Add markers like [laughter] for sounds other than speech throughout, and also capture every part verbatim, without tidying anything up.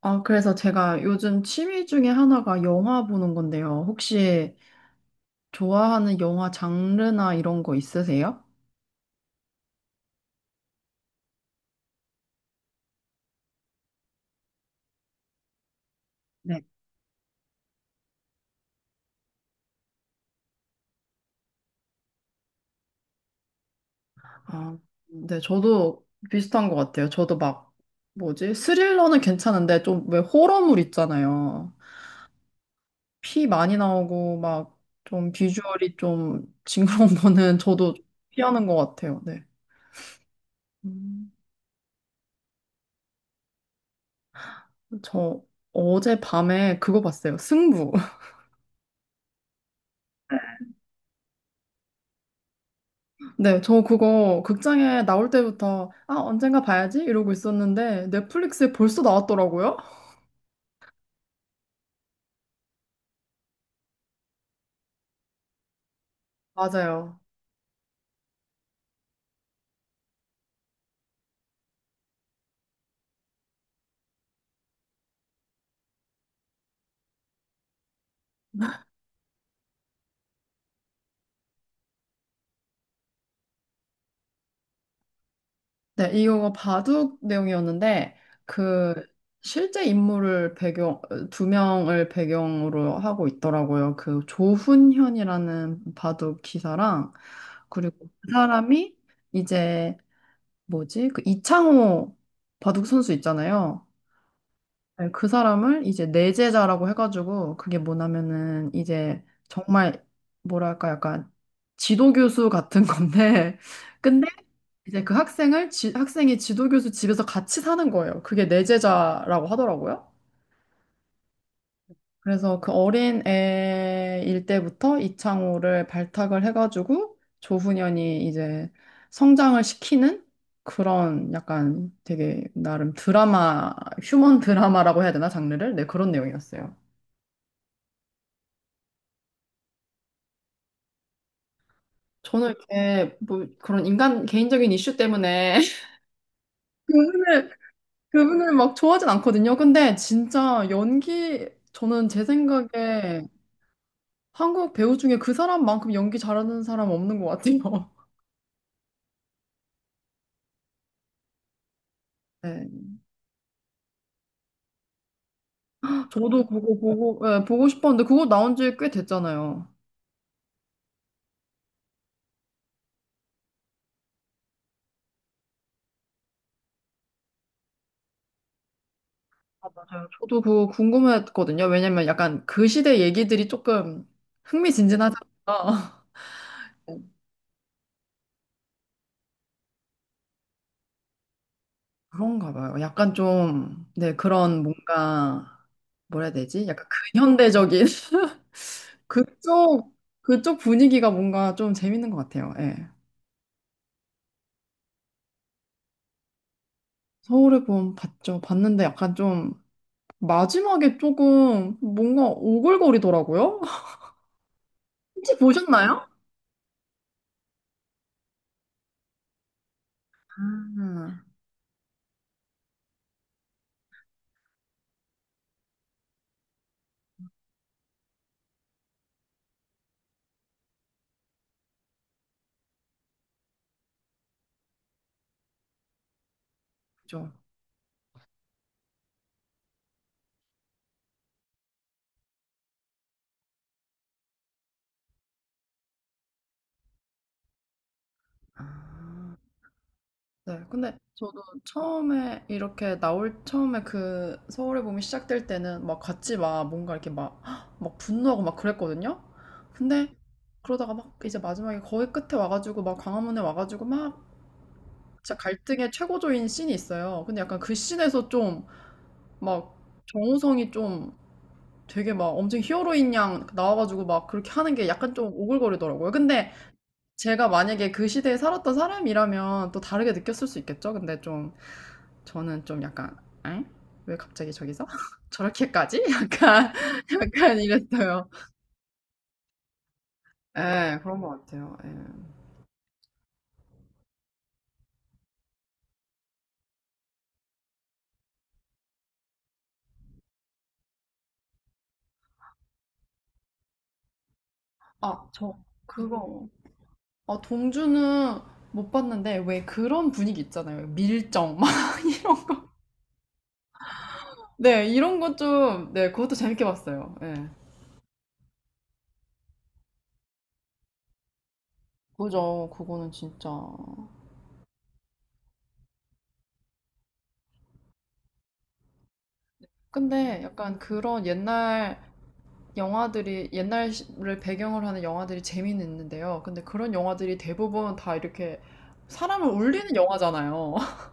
아, 그래서 제가 요즘 취미 중에 하나가 영화 보는 건데요. 혹시 좋아하는 영화 장르나 이런 거 있으세요? 네. 아, 네, 저도 비슷한 것 같아요. 저도 막, 뭐지? 스릴러는 괜찮은데, 좀 왜 호러물 있잖아요. 피 많이 나오고, 막, 좀 비주얼이 좀 [laughs] 징그러운 거는 저도 피하는 것 같아요. 네. 음, 저 어제 밤에 그거 봤어요. 승부. 네, 저 그거 극장에 나올 때부터 아, 언젠가 봐야지 이러고 있었는데 넷플릭스에 벌써 나왔더라고요. 맞아요. 네, 이거 바둑 내용이었는데 그 실제 인물을 배경 두 명을 배경으로 하고 있더라고요. 그 조훈현이라는 바둑 기사랑 그리고 그 사람이 이제 뭐지? 그 이창호 바둑 선수 있잖아요. 네, 그 사람을 이제 내제자라고 해가지고 그게 뭐냐면은 이제 정말 뭐랄까 약간 지도교수 같은 건데 [laughs] 근데 이제 그 학생을 지- 학생이 지도교수 집에서 같이 사는 거예요. 그게 내제자라고 하더라고요. 그래서 그 어린 애일 때부터 이창호를 발탁을 해가지고 조훈현이 이제 성장을 시키는 그런 약간 되게 나름 드라마, 휴먼 드라마라고 해야 되나 장르를? 네, 그런 내용이었어요. 저는 이렇게 뭐 그런 인간 개인적인 이슈 때문에 [laughs] 그분을, 그분을 막 좋아하진 않거든요. 근데 진짜 연기, 저는 제 생각에 한국 배우 중에 그 사람만큼 연기 잘하는 사람 없는 것 같아요. [laughs] 네, 저도 그거 보고, 예, 보고 싶었는데 그거 나온 지 꽤 됐잖아요. 아, 맞아요. 저도 그거 궁금했거든요. 왜냐면 약간 그 시대 얘기들이 조금 흥미진진하잖아요. [laughs] 그런가 봐요. 약간 좀, 네, 그런 뭔가 뭐라 해야 되지? 약간 근현대적인 [laughs] 그쪽 그쪽 분위기가 뭔가 좀 재밌는 것 같아요. 예. 서울의 봄 봤죠. 봤는데 약간 좀 마지막에 조금 뭔가 오글거리더라고요. [laughs] 혹시 보셨나요? 아, 그죠. 아. 네, 근데 저도 처음에 이렇게 나올 처음에 그 서울의 봄이 시작될 때는 막 같이 막 뭔가 이렇게 막, 헉, 막 분노하고 막 그랬거든요. 근데 그러다가 막 이제 마지막에 거의 끝에 와가지고 막 광화문에 와가지고 막 진짜 갈등의 최고조인 씬이 있어요. 근데 약간 그 씬에서 좀 막 정우성이 좀 되게 막 엄청 히어로인 양 나와가지고 막 그렇게 하는 게 약간 좀 오글거리더라고요. 근데 제가 만약에 그 시대에 살았던 사람이라면 또 다르게 느꼈을 수 있겠죠? 근데 좀 저는 좀 약간 엥? 왜 갑자기 저기서? [laughs] 저렇게까지? 약간 [laughs] 약간 이랬어요. 예, 그런 것 같아요. 예. 아, 저 그거. 아, 동주는 못 봤는데 왜 그런 분위기 있잖아요. 밀정 막 [laughs] 이런 거. 네, 이런 것 좀, 네, 그것도 재밌게 봤어요. 예. 그죠, 그거는 진짜. 근데 약간 그런 옛날 영화들이 옛날을 배경으로 하는 영화들이 재미는 있는데요. 근데 그런 영화들이 대부분 다 이렇게 사람을 울리는 영화잖아요. [laughs]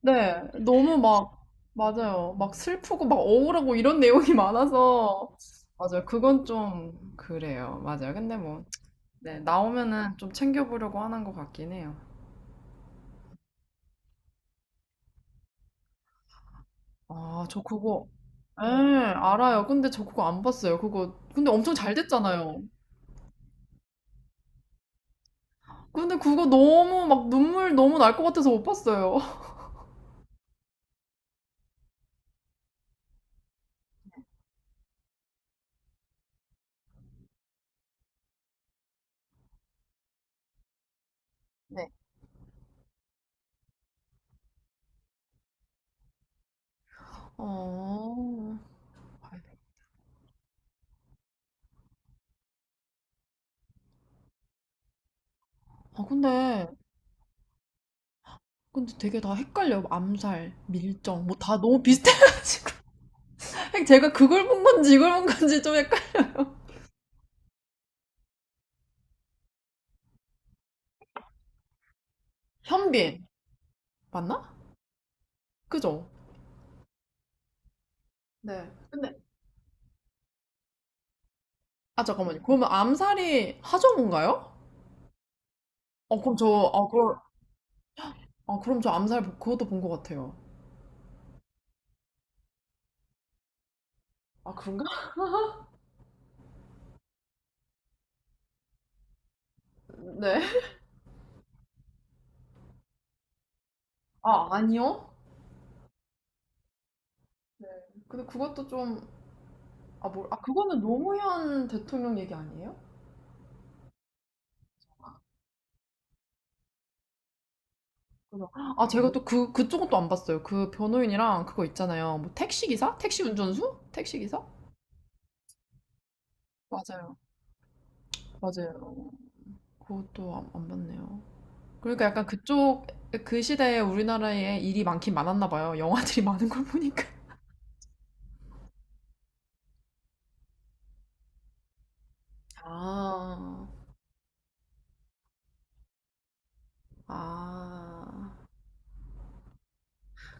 네, 너무 막, 맞아요. 막 슬프고 막 억울하고 이런 내용이 많아서. 맞아요. 그건 좀 그래요. 맞아요. 근데 뭐, 네, 나오면은 좀 챙겨보려고 하는 것 같긴 해요. 아, 저 그거, 예, 알아요. 근데 저 그거 안 봤어요. 그거, 근데 엄청 잘 됐잖아요. 근데 그거 너무 막 눈물 너무 날 것 같아서 못 봤어요. [laughs] 네. 아, 아 근데 근데 되게 다 헷갈려요. 암살, 밀정 뭐 다 너무 비슷해가지고 [laughs] 제가 그걸 본 건지 이걸 본 건지 좀 헷갈. 현빈 맞나? 그죠? 네. 근데 아 잠깐만요. 그러면 암살이 하정우인가요? 어 그럼 저 아 그럼 아 그럼 저 암살 보- 그것도 본 것 같아요. 아 그런가? [laughs] 네. 아 아니요. 네. 근데 그것도 좀 아 뭘 아 그거는 노무현 대통령 얘기 아니에요? 아, 제가 또 그, 그쪽은 또 안 봤어요. 그 변호인이랑 그거 있잖아요. 뭐 택시기사? 택시 운전수? 택시기사? 맞아요. 맞아요. 그것도 안, 안 봤네요. 그러니까 약간 그쪽, 그 시대에 우리나라에 일이 많긴 많았나 봐요. 영화들이 [laughs] 많은 걸 보니까. 아, 아.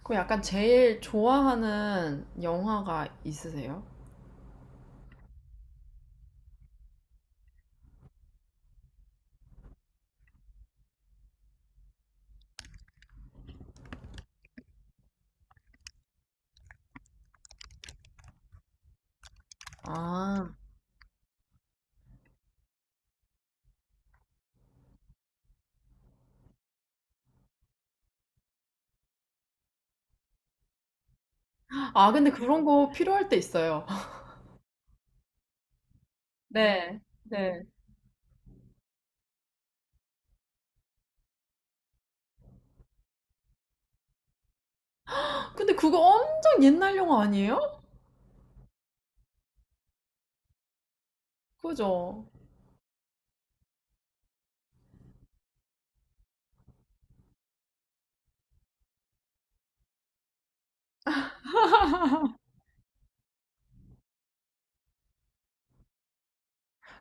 그럼 약간 제일 좋아하는 영화가 있으세요? 아, 아, 근데 그런 거 필요할 때 있어요. [laughs] 네, 네. 근데 그거 엄청 옛날 영화 아니에요? 그죠? [laughs]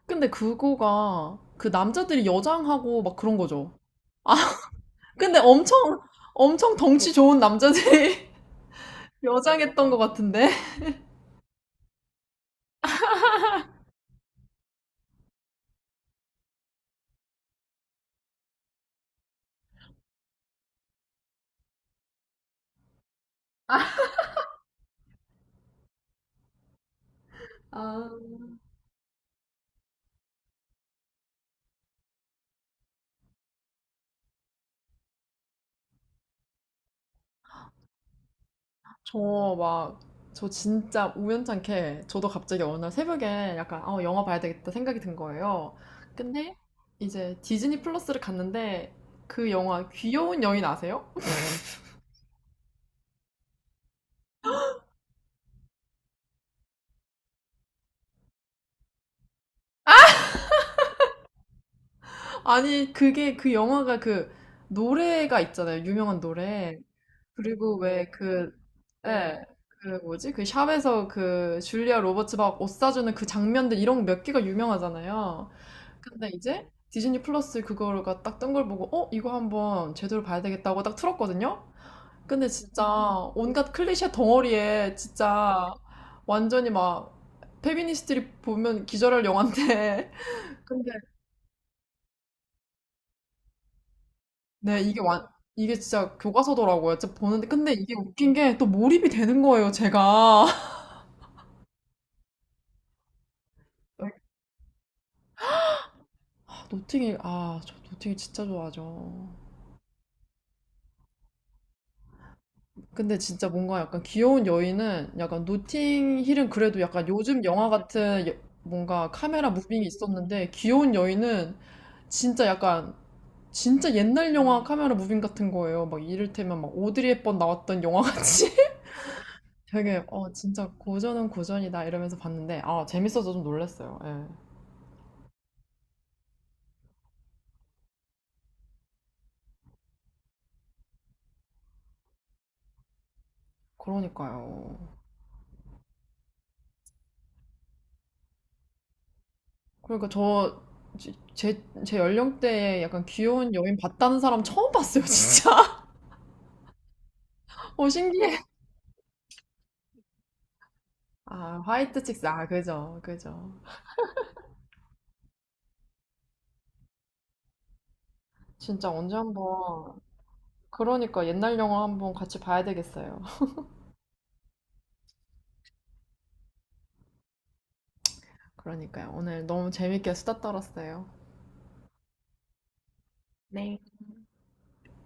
근데 그거가 그 남자들이 여장하고 막 그런 거죠. 아, 근데 엄청, 엄청 덩치 좋은 남자들이 [laughs] 여장했던 것 같은데? 아, 저 막, 저 진짜 우연찮게 저도 갑자기 어느 날 새벽에 약간, 어, 영화 봐야 되겠다 생각이 든 거예요. 근데 이제 디즈니 플러스를 갔는데 그 영화 귀여운 여인 아세요? 아니, 그게 그 영화가 그 노래가 있잖아요. 유명한 노래. 그리고 왜 그, 네. 예, 그 뭐지? 그 샵에서 그 줄리아 로버츠 막 옷 사주는 그 장면들 이런 몇 개가 유명하잖아요. 근데 이제 디즈니 플러스 그거가 딱 뜬 걸 보고, 어? 이거 한번 제대로 봐야 되겠다고 딱 틀었거든요? 근데 진짜 온갖 클리셰 덩어리에 진짜 완전히 막 페미니스트들이 보면 기절할 영화인데. [laughs] 근데 네, 이게 완, 이게 진짜 교과서더라고요. 진짜 보는데. 근데 이게 웃긴 게 또 몰입이 되는 거예요, 제가. [laughs] 아, 노팅힐, 아, 저 노팅힐 진짜 좋아하죠. 근데 진짜 뭔가 약간 귀여운 여인은 약간 노팅힐은 그래도 약간 요즘 영화 같은 여- 뭔가 카메라 무빙이 있었는데 귀여운 여인은 진짜 약간 진짜 옛날 영화 카메라 무빙 같은 거예요. 막 이를테면 막 오드리 헵번 나왔던 영화 같이 [laughs] 되게 어 진짜 고전은 고전이다 이러면서 봤는데 아 재밌어서 좀 놀랐어요. 예. 그러니까요. 그러니까 저, 제, 제, 제 연령대에 약간 귀여운 여인 봤다는 사람 처음 봤어요, 진짜. [laughs] 어, 신기해. 아, 화이트 칙스. 아, 그죠, 그죠. 진짜 언제 한번, 그러니까 옛날 영화 한번 같이 봐야 되겠어요. [laughs] 그러니까요. 오늘 너무 재밌게 수다 떨었어요.